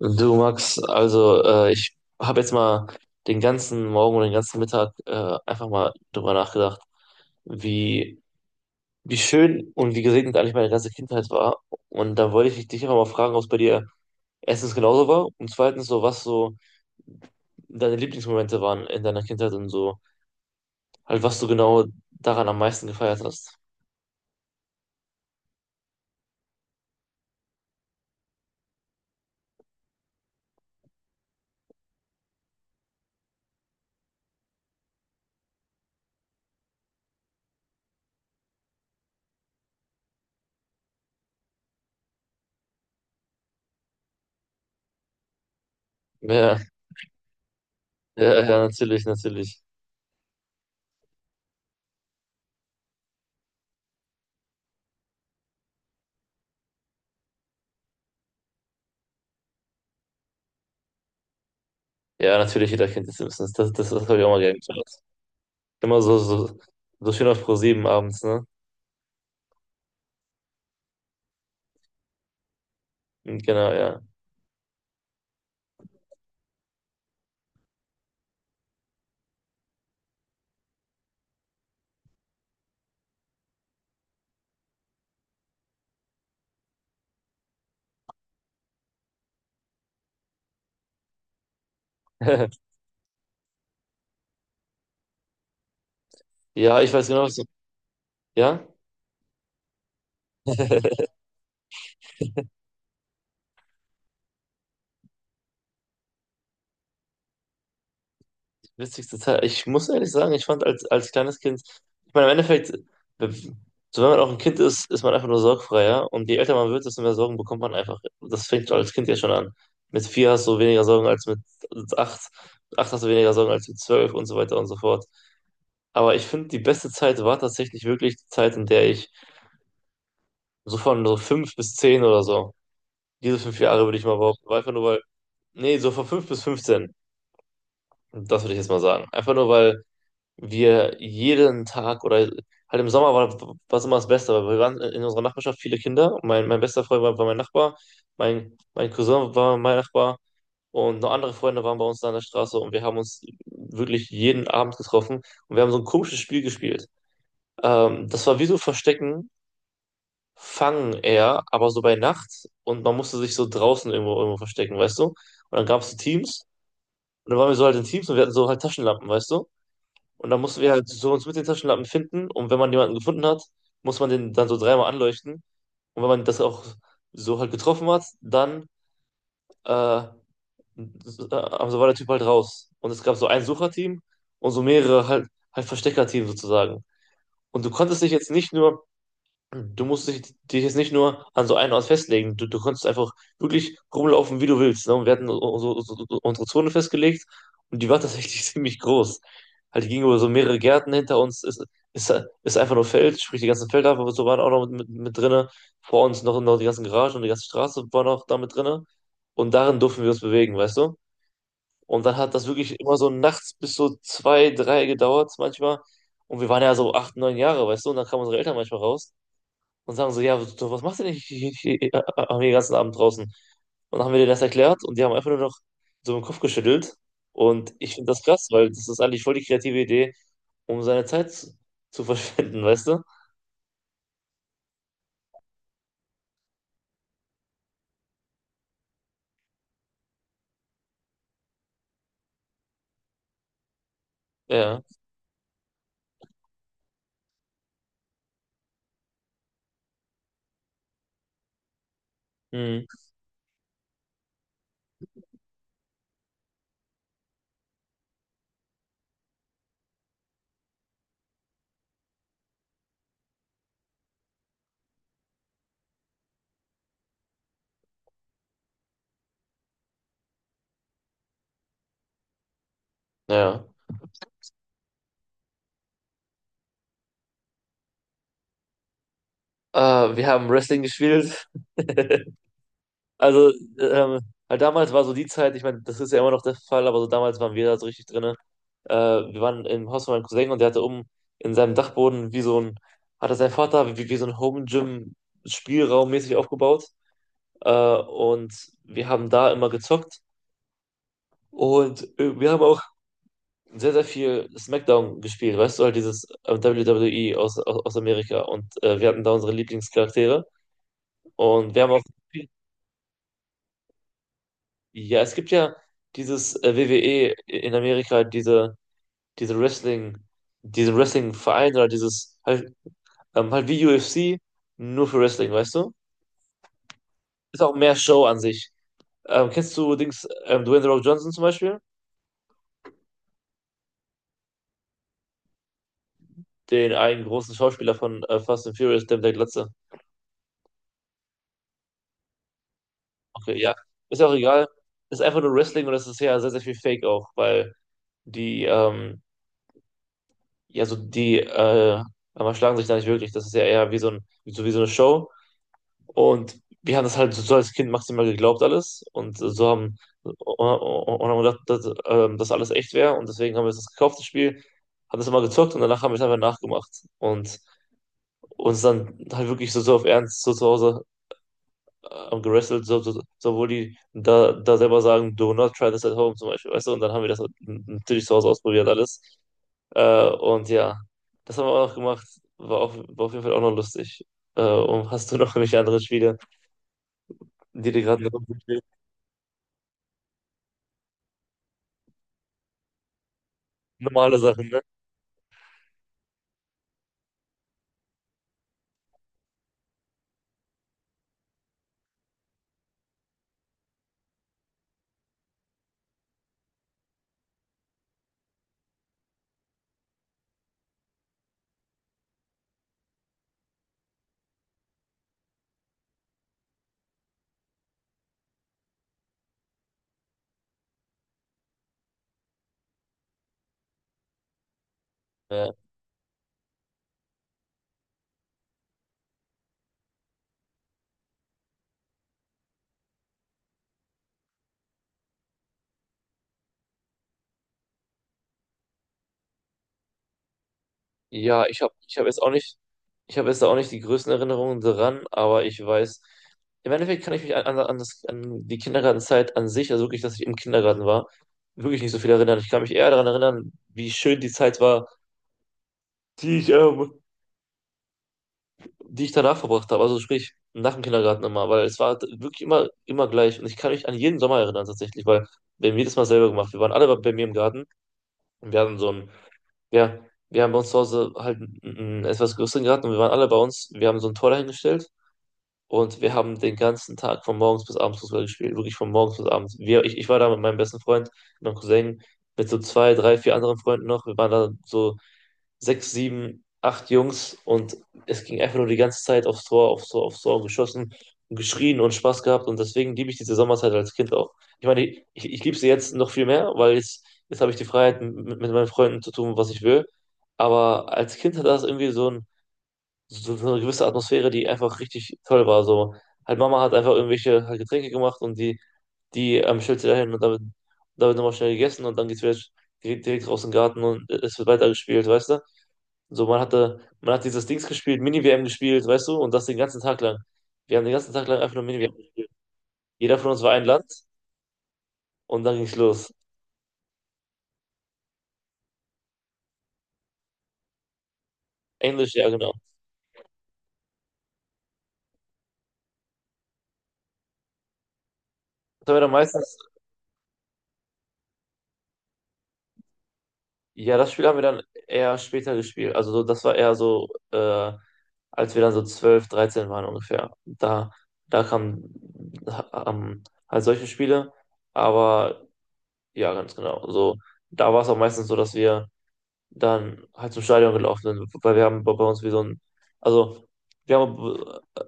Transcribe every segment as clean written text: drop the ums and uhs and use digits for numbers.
Du Max, also ich habe jetzt mal den ganzen Morgen und den ganzen Mittag einfach mal drüber nachgedacht, wie, wie schön und wie gesegnet eigentlich meine ganze Kindheit war. Und da wollte ich dich einfach mal fragen, ob es bei dir erstens genauso war und zweitens so, was so deine Lieblingsmomente waren in deiner Kindheit und so, halt was du genau daran am meisten gefeiert hast. Ja, ja, ja, natürlich, natürlich. Ja, natürlich, jeder kennt die Simpsons. Das habe ich auch mal gerne. Immer so schön auf ProSieben abends, ne? Genau, ja. Ja, ich weiß genau, was du. Ja? Witzigste Zeit. Ich muss ehrlich sagen, ich fand als kleines Kind, ich meine, im Endeffekt, so wenn man auch ein Kind ist, ist man einfach nur sorgfreier. Und je älter man wird, desto mehr Sorgen bekommt man einfach. Das fängt als Kind ja schon an. Mit vier hast du weniger Sorgen als mit acht. Mit acht hast du weniger Sorgen als mit 12 und so weiter und so fort. Aber ich finde, die beste Zeit war tatsächlich wirklich die Zeit, in der ich so von so fünf bis 10 oder so. Diese fünf Jahre würde ich mal behaupten. Einfach nur weil, nee, so von fünf bis 15, das würde ich jetzt mal sagen. Einfach nur weil wir jeden Tag oder halt im Sommer war was immer das Beste, weil wir waren in unserer Nachbarschaft viele Kinder. Mein bester Freund war mein Nachbar, mein Cousin war mein Nachbar und noch andere Freunde waren bei uns da an der Straße und wir haben uns wirklich jeden Abend getroffen und wir haben so ein komisches Spiel gespielt. Das war wie so Verstecken, Fangen eher, aber so bei Nacht und man musste sich so draußen irgendwo verstecken, weißt du? Und dann gab es so Teams und dann waren wir so halt in Teams und wir hatten so halt Taschenlampen, weißt du? Und dann mussten wir halt so uns mit den Taschenlampen finden und wenn man jemanden gefunden hat, muss man den dann so dreimal anleuchten und wenn man das auch so halt getroffen hat, dann äh, so also war der Typ halt raus. Und es gab so ein Sucherteam und so mehrere halt, halt Versteckerteam sozusagen. Und du konntest dich jetzt nicht nur du musst dich jetzt nicht nur an so einen Ort festlegen. Du kannst einfach wirklich rumlaufen, wie du willst. Ne? Und wir hatten so unsere Zone festgelegt und die war tatsächlich ziemlich groß. Halt, die ging über so mehrere Gärten hinter uns. Ist, ist einfach nur Feld, sprich die ganzen Felder, aber so waren auch noch mit drinne. Vor uns noch die ganzen Garagen und die ganze Straße war noch da mit drinne. Und darin durften wir uns bewegen, weißt du? Und dann hat das wirklich immer so nachts bis so zwei, drei gedauert manchmal. Und wir waren ja so 8, 9 Jahre, weißt du? Und dann kamen unsere Eltern manchmal raus und sagen so, ja, du, was machst du denn hier, den ganzen Abend draußen? Und dann haben wir denen das erklärt und die haben einfach nur noch so den Kopf geschüttelt. Und ich finde das krass, weil das ist eigentlich voll die kreative Idee, um seine Zeit zu verschwenden, weißt du? Ja. Hm. Ja. Wir haben Wrestling gespielt. Also, ähm, halt damals war so die Zeit, ich meine, das ist ja immer noch der Fall, aber so damals waren wir da so richtig drin. Äh, wir waren im Haus von meinem Cousin und der hatte oben in seinem Dachboden wie so ein, hatte sein Vater wie so ein Home Gym Spielraum mäßig aufgebaut. Äh, und wir haben da immer gezockt und wir haben auch sehr, sehr viel SmackDown gespielt, weißt du, halt dieses WWE aus Amerika und wir hatten da unsere Lieblingscharaktere und wir haben auch, ja, es gibt ja dieses WWE in Amerika, diese, diese Wrestling, diese Wrestling-Verein oder dieses, halt, halt wie UFC, nur für Wrestling, weißt du? Ist auch mehr Show an sich. Kennst du Dings, Dwayne The Rock Johnson zum Beispiel? Den einen großen Schauspieler von Fast and Furious, der mit der Glatze. Okay, ja. Ist ja auch egal. Ist einfach nur Wrestling und das ist ja sehr, sehr viel Fake auch, weil die, ja, so die, aber schlagen sich da nicht wirklich. Das ist ja eher wie so ein, so wie so eine Show. Und wir haben das halt so als Kind maximal geglaubt alles und so haben und haben gedacht, dass das alles echt wäre und deswegen haben wir das gekauft, das Spiel, haben das immer gezockt und danach haben wir es einfach nachgemacht und uns dann halt wirklich so auf Ernst so zu Hause gerestelt, obwohl die da selber sagen, do not try this at home zum Beispiel, weißt du, und dann haben wir das natürlich zu Hause ausprobiert alles und ja, das haben wir auch noch gemacht, war, auch, war auf jeden Fall auch noch lustig. Und hast du noch irgendwelche anderen Spiele, die dir gerade noch normale Sachen, ne? Ja, ja ich habe jetzt auch nicht die größten Erinnerungen daran, aber ich weiß, im Endeffekt kann ich mich an die Kindergartenzeit an sich, also wirklich, dass ich im Kindergarten war, wirklich nicht so viel erinnern. Ich kann mich eher daran erinnern, wie schön die Zeit war, die ich, ähm, die ich danach verbracht habe, also sprich nach dem Kindergarten immer, weil es war wirklich immer, immer gleich und ich kann mich an jeden Sommer erinnern tatsächlich, weil wir haben jedes Mal selber gemacht. Wir waren alle bei mir im Garten und wir hatten so ein ja, wir haben bei uns zu Hause halt einen etwas größeren Garten und wir waren alle bei uns. Wir haben so ein Tor dahingestellt und wir haben den ganzen Tag von morgens bis abends Fußball gespielt, wirklich von morgens bis abends. Ich war da mit meinem besten Freund, meinem Cousin, mit so zwei, drei, vier anderen Freunden noch. Wir waren da so sechs, sieben, acht Jungs und es ging einfach nur die ganze Zeit aufs Tor, aufs Tor, aufs Tor und geschossen und geschrien und Spaß gehabt und deswegen liebe ich diese Sommerzeit als Kind auch. Ich meine, ich liebe sie jetzt noch viel mehr, weil jetzt habe ich die Freiheit, mit meinen Freunden zu tun, was ich will. Aber als Kind hat das irgendwie so eine gewisse Atmosphäre, die einfach richtig toll war. So, halt Mama hat einfach irgendwelche halt Getränke gemacht und die stellt sie dahin und damit, nochmal schnell gegessen und dann geht's wieder direkt raus in den Garten und es wird weitergespielt, weißt du? So, man hatte, man hat dieses Dings gespielt, mini WM gespielt, weißt du, und das den ganzen Tag lang. Wir haben den ganzen Tag lang einfach nur mini WM gespielt. Jeder von uns war ein Land und dann ging's los. Englisch, ja, genau. Das haben wir dann meistens. Ja, das Spiel haben wir dann eher später gespielt. Also so, das war eher so, als wir dann so 12, 13 waren ungefähr. Da, da kamen ähm, halt solche Spiele. Aber ja, ganz genau. So, da war es auch meistens so, dass wir dann halt zum Stadion gelaufen sind, weil wir haben bei uns wie so ein, also wir haben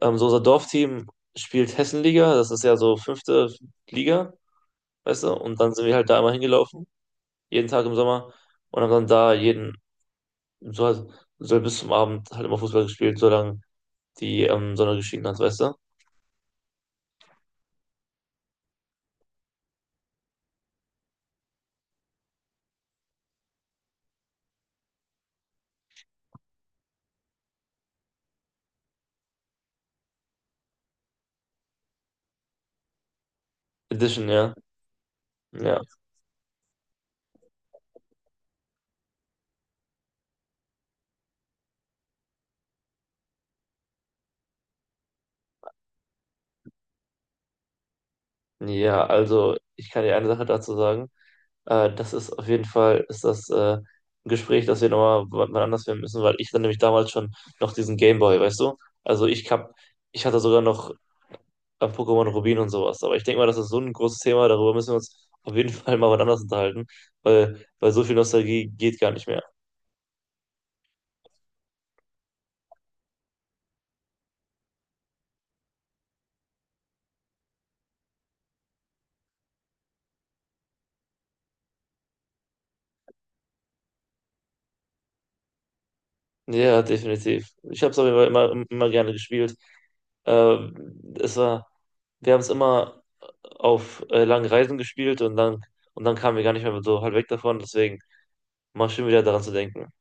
so unser Dorfteam spielt Hessenliga, das ist ja so fünfte Liga, weißt du, und dann sind wir halt da immer hingelaufen, jeden Tag im Sommer und haben dann da jeden so, halt- so halt bis zum Abend halt immer Fußball gespielt, solange die Sonne geschienen hat, weißt du? Edition, ja. Ja. Ja, also ich kann dir eine Sache dazu sagen. Das ist auf jeden Fall, ist das ein Gespräch, das wir nochmal wann anders führen müssen, weil ich dann nämlich damals schon noch diesen Gameboy, weißt du? Also ich hatte sogar noch Pokémon Rubin und sowas. Aber ich denke mal, das ist so ein großes Thema, darüber müssen wir uns auf jeden Fall mal wann anders unterhalten, weil so viel Nostalgie geht gar nicht mehr. Ja, definitiv. Ich habe es aber jeden immer, immer gerne gespielt. Ähm, es war, wir haben es immer auf langen Reisen gespielt und dann kamen wir gar nicht mehr so halt weg davon. Deswegen mal schön wieder daran zu denken.